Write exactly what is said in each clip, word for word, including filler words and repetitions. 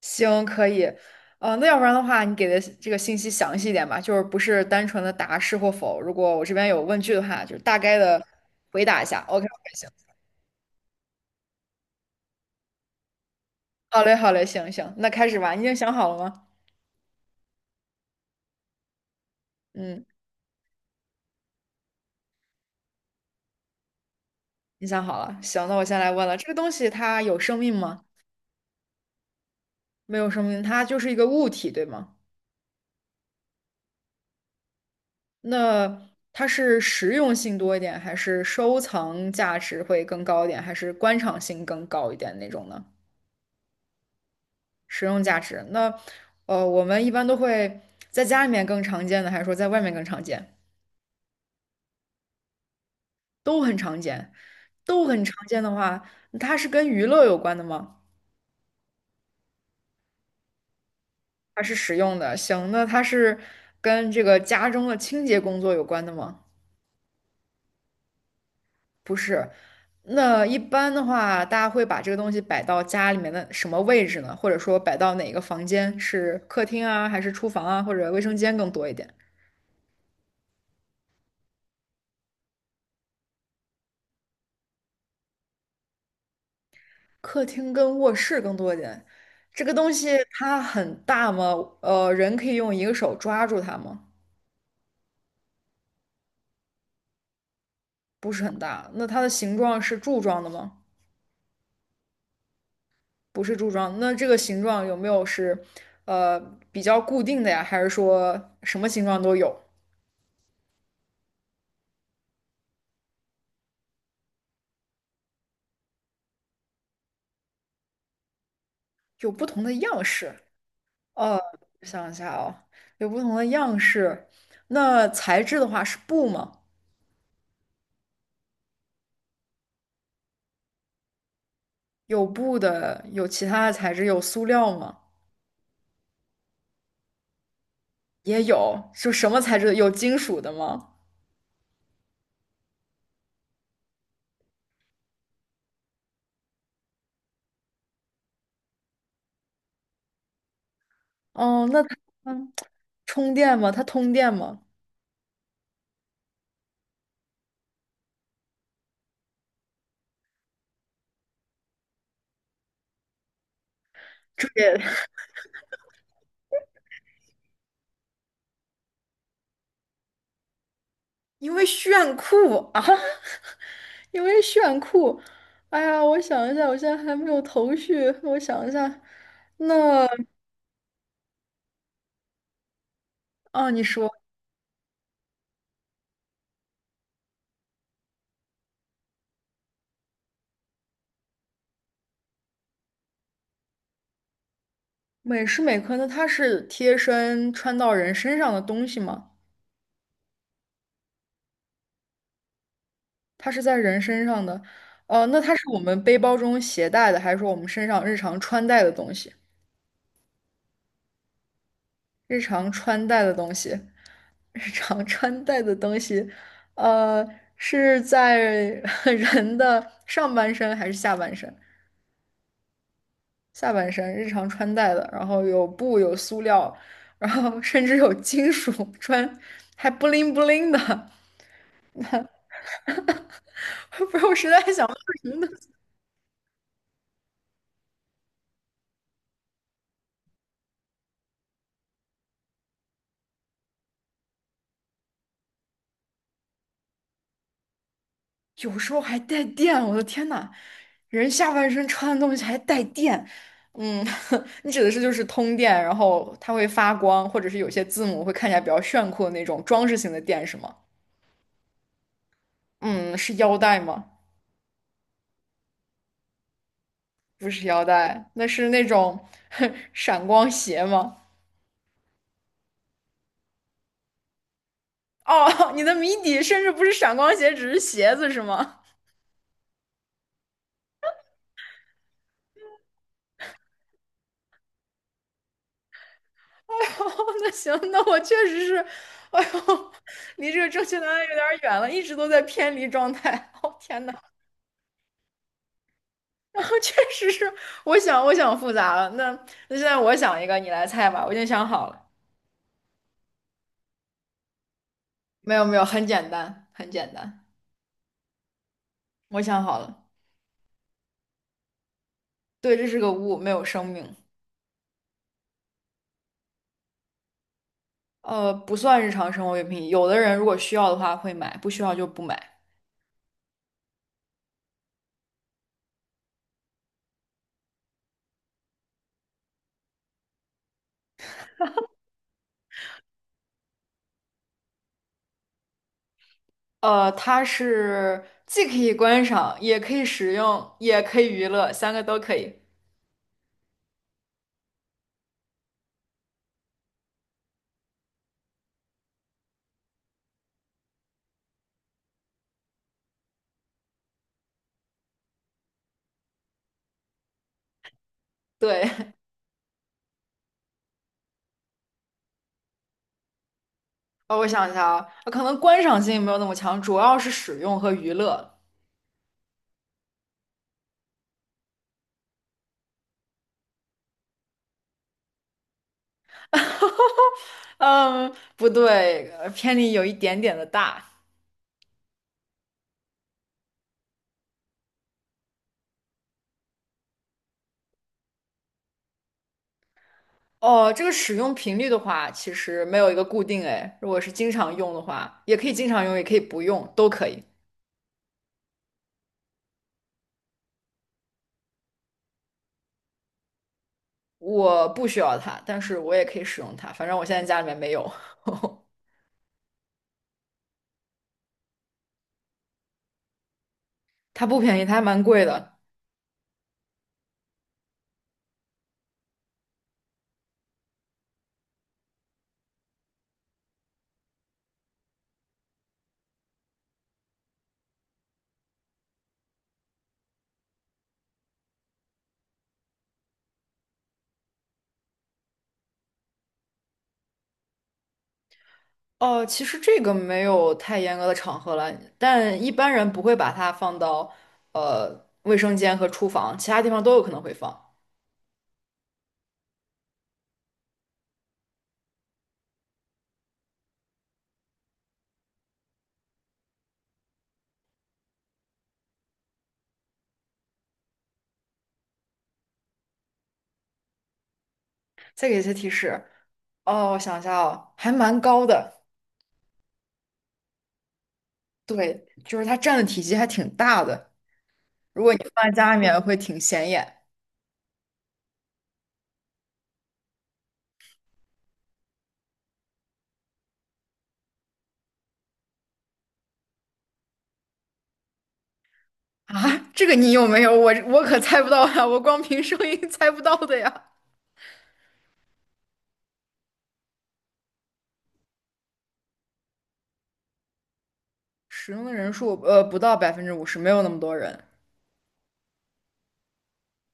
行，可以。呃，那要不然的话，你给的这个信息详细一点吧，就是不是单纯的答是或否。如果我这边有问句的话，就是大概的回答一下。OK，OK，行。好嘞，好嘞，行行，那开始吧。你已经想好了吗？嗯，你想好了。行，那我先来问了，这个东西它有生命吗？没有生命，它就是一个物体，对吗？那它是实用性多一点，还是收藏价值会更高一点，还是观赏性更高一点那种呢？实用价值。那呃，我们一般都会在家里面更常见的，还是说在外面更常见？都很常见，都很常见的话，它是跟娱乐有关的吗？它是实用的，行，那它是跟这个家中的清洁工作有关的吗？不是。那一般的话，大家会把这个东西摆到家里面的什么位置呢？或者说摆到哪个房间？是客厅啊，还是厨房啊，或者卫生间更多一点？客厅跟卧室更多一点。这个东西它很大吗？呃，人可以用一个手抓住它吗？不是很大。那它的形状是柱状的吗？不是柱状。那这个形状有没有是呃比较固定的呀？还是说什么形状都有？有不同的样式。呃，我想一下哦，有不同的样式。那材质的话是布吗？有布的，有其他的材质，有塑料吗？也有，就什么材质的？有金属的吗？哦，那它 嗯充电吗？它通电吗？这也 因为炫酷啊，因为炫酷。哎呀，我想一下，我现在还没有头绪。我想一下，那啊，你说美时美科，那它是贴身穿到人身上的东西吗？它是在人身上的，哦、那它是我们背包中携带的，还是说我们身上日常穿戴的东西？日常穿戴的东西，日常穿戴的东西，呃，是在 人的上半身还是下半身？下半身日常穿戴的，然后有布，有塑料，然后甚至有金属穿，还不灵不灵的。不是，我实在想。有时候还带电，我的天呐，人下半身穿的东西还带电，嗯，你指的是就是通电，然后它会发光，或者是有些字母会看起来比较炫酷的那种装饰性的电，是吗？嗯，是腰带吗？不是腰带，那是那种 闪光鞋吗？哦，你的谜底甚至不是闪光鞋，只是鞋子是吗？哦，那行，那我确实是，哎呦，离这个正确答案有点儿远了，一直都在偏离状态。哦，天呐。然后确实是，我想我想复杂了。那那现在我想一个，你来猜吧。我已经想好了。没有没有，很简单，很简单。我想好了。对，这是个物，没有生命。呃，不算日常生活用品。有的人如果需要的话会买，不需要就不买。呃，它是既可以观赏，也可以使用，也可以娱乐，三个都可以。对，呃，我想一下啊，呃可能观赏性没有那么强，主要是使用和娱乐。哈哈，嗯，不对，呃偏离有一点点的大。哦，这个使用频率的话，其实没有一个固定哎。如果是经常用的话，也可以经常用，也可以不用，都可以。我不需要它，但是我也可以使用它。反正我现在家里面没有，它不便宜，它还蛮贵的。哦，其实这个没有太严格的场合了，但一般人不会把它放到呃卫生间和厨房，其他地方都有可能会放。再给一些提示，哦，我想一下哦，还蛮高的，对，就是它占的体积还挺大的，如果你放在家里面会挺显眼啊。这个你有没有？我我可猜不到呀，我光凭声音 猜不到的呀。使用的人数呃不到百分之五十，没有那么多人，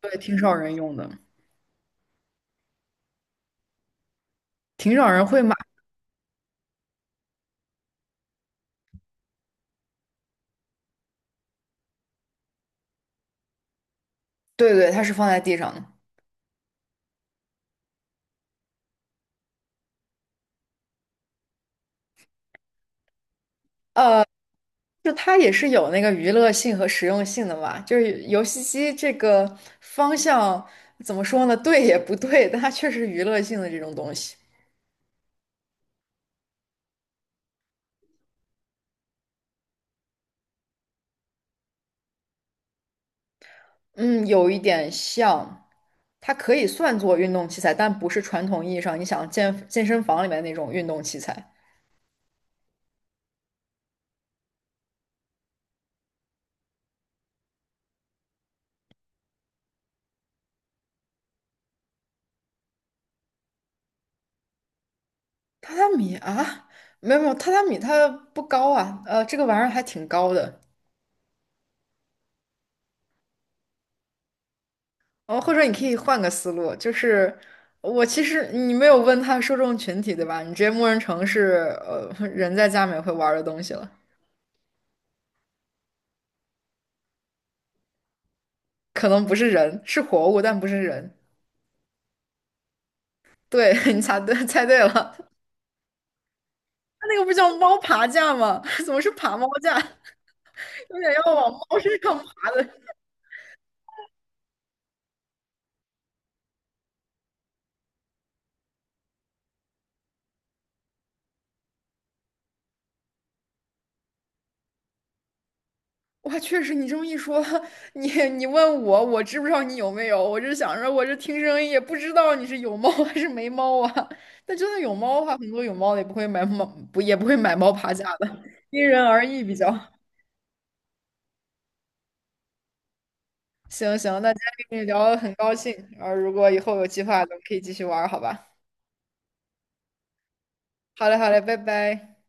对，挺少人用的，挺少人会买。对对，它是放在地上的，呃，就它也是有那个娱乐性和实用性的嘛，就是游戏机这个方向怎么说呢？对也不对，但它确实娱乐性的这种东西。嗯，有一点像，它可以算作运动器材，但不是传统意义上你想健健身房里面那种运动器材。榻榻米啊，没有没有，榻榻米它不高啊，呃，这个玩意儿还挺高的。哦，或者你可以换个思路，就是我其实你没有问它受众群体，对吧？你直接默认成是呃人在家里面会玩儿的东西了，可能不是人，是活物，但不是人。对，你猜对，猜对了，它那个不叫猫爬架吗？怎么是爬猫架？有点要往猫身上爬的。哇，确实，你这么一说，你你问我，我知不知道你有没有？我是想着，我这听声音也不知道你是有猫还是没猫啊。但真的有猫的话，很多有猫的也不会买猫，不也不会买猫爬架的，因人而异比较。行行，那今天跟你聊得很高兴，然后如果以后有计划，咱们可以继续玩儿好吧？好嘞，好嘞，拜拜。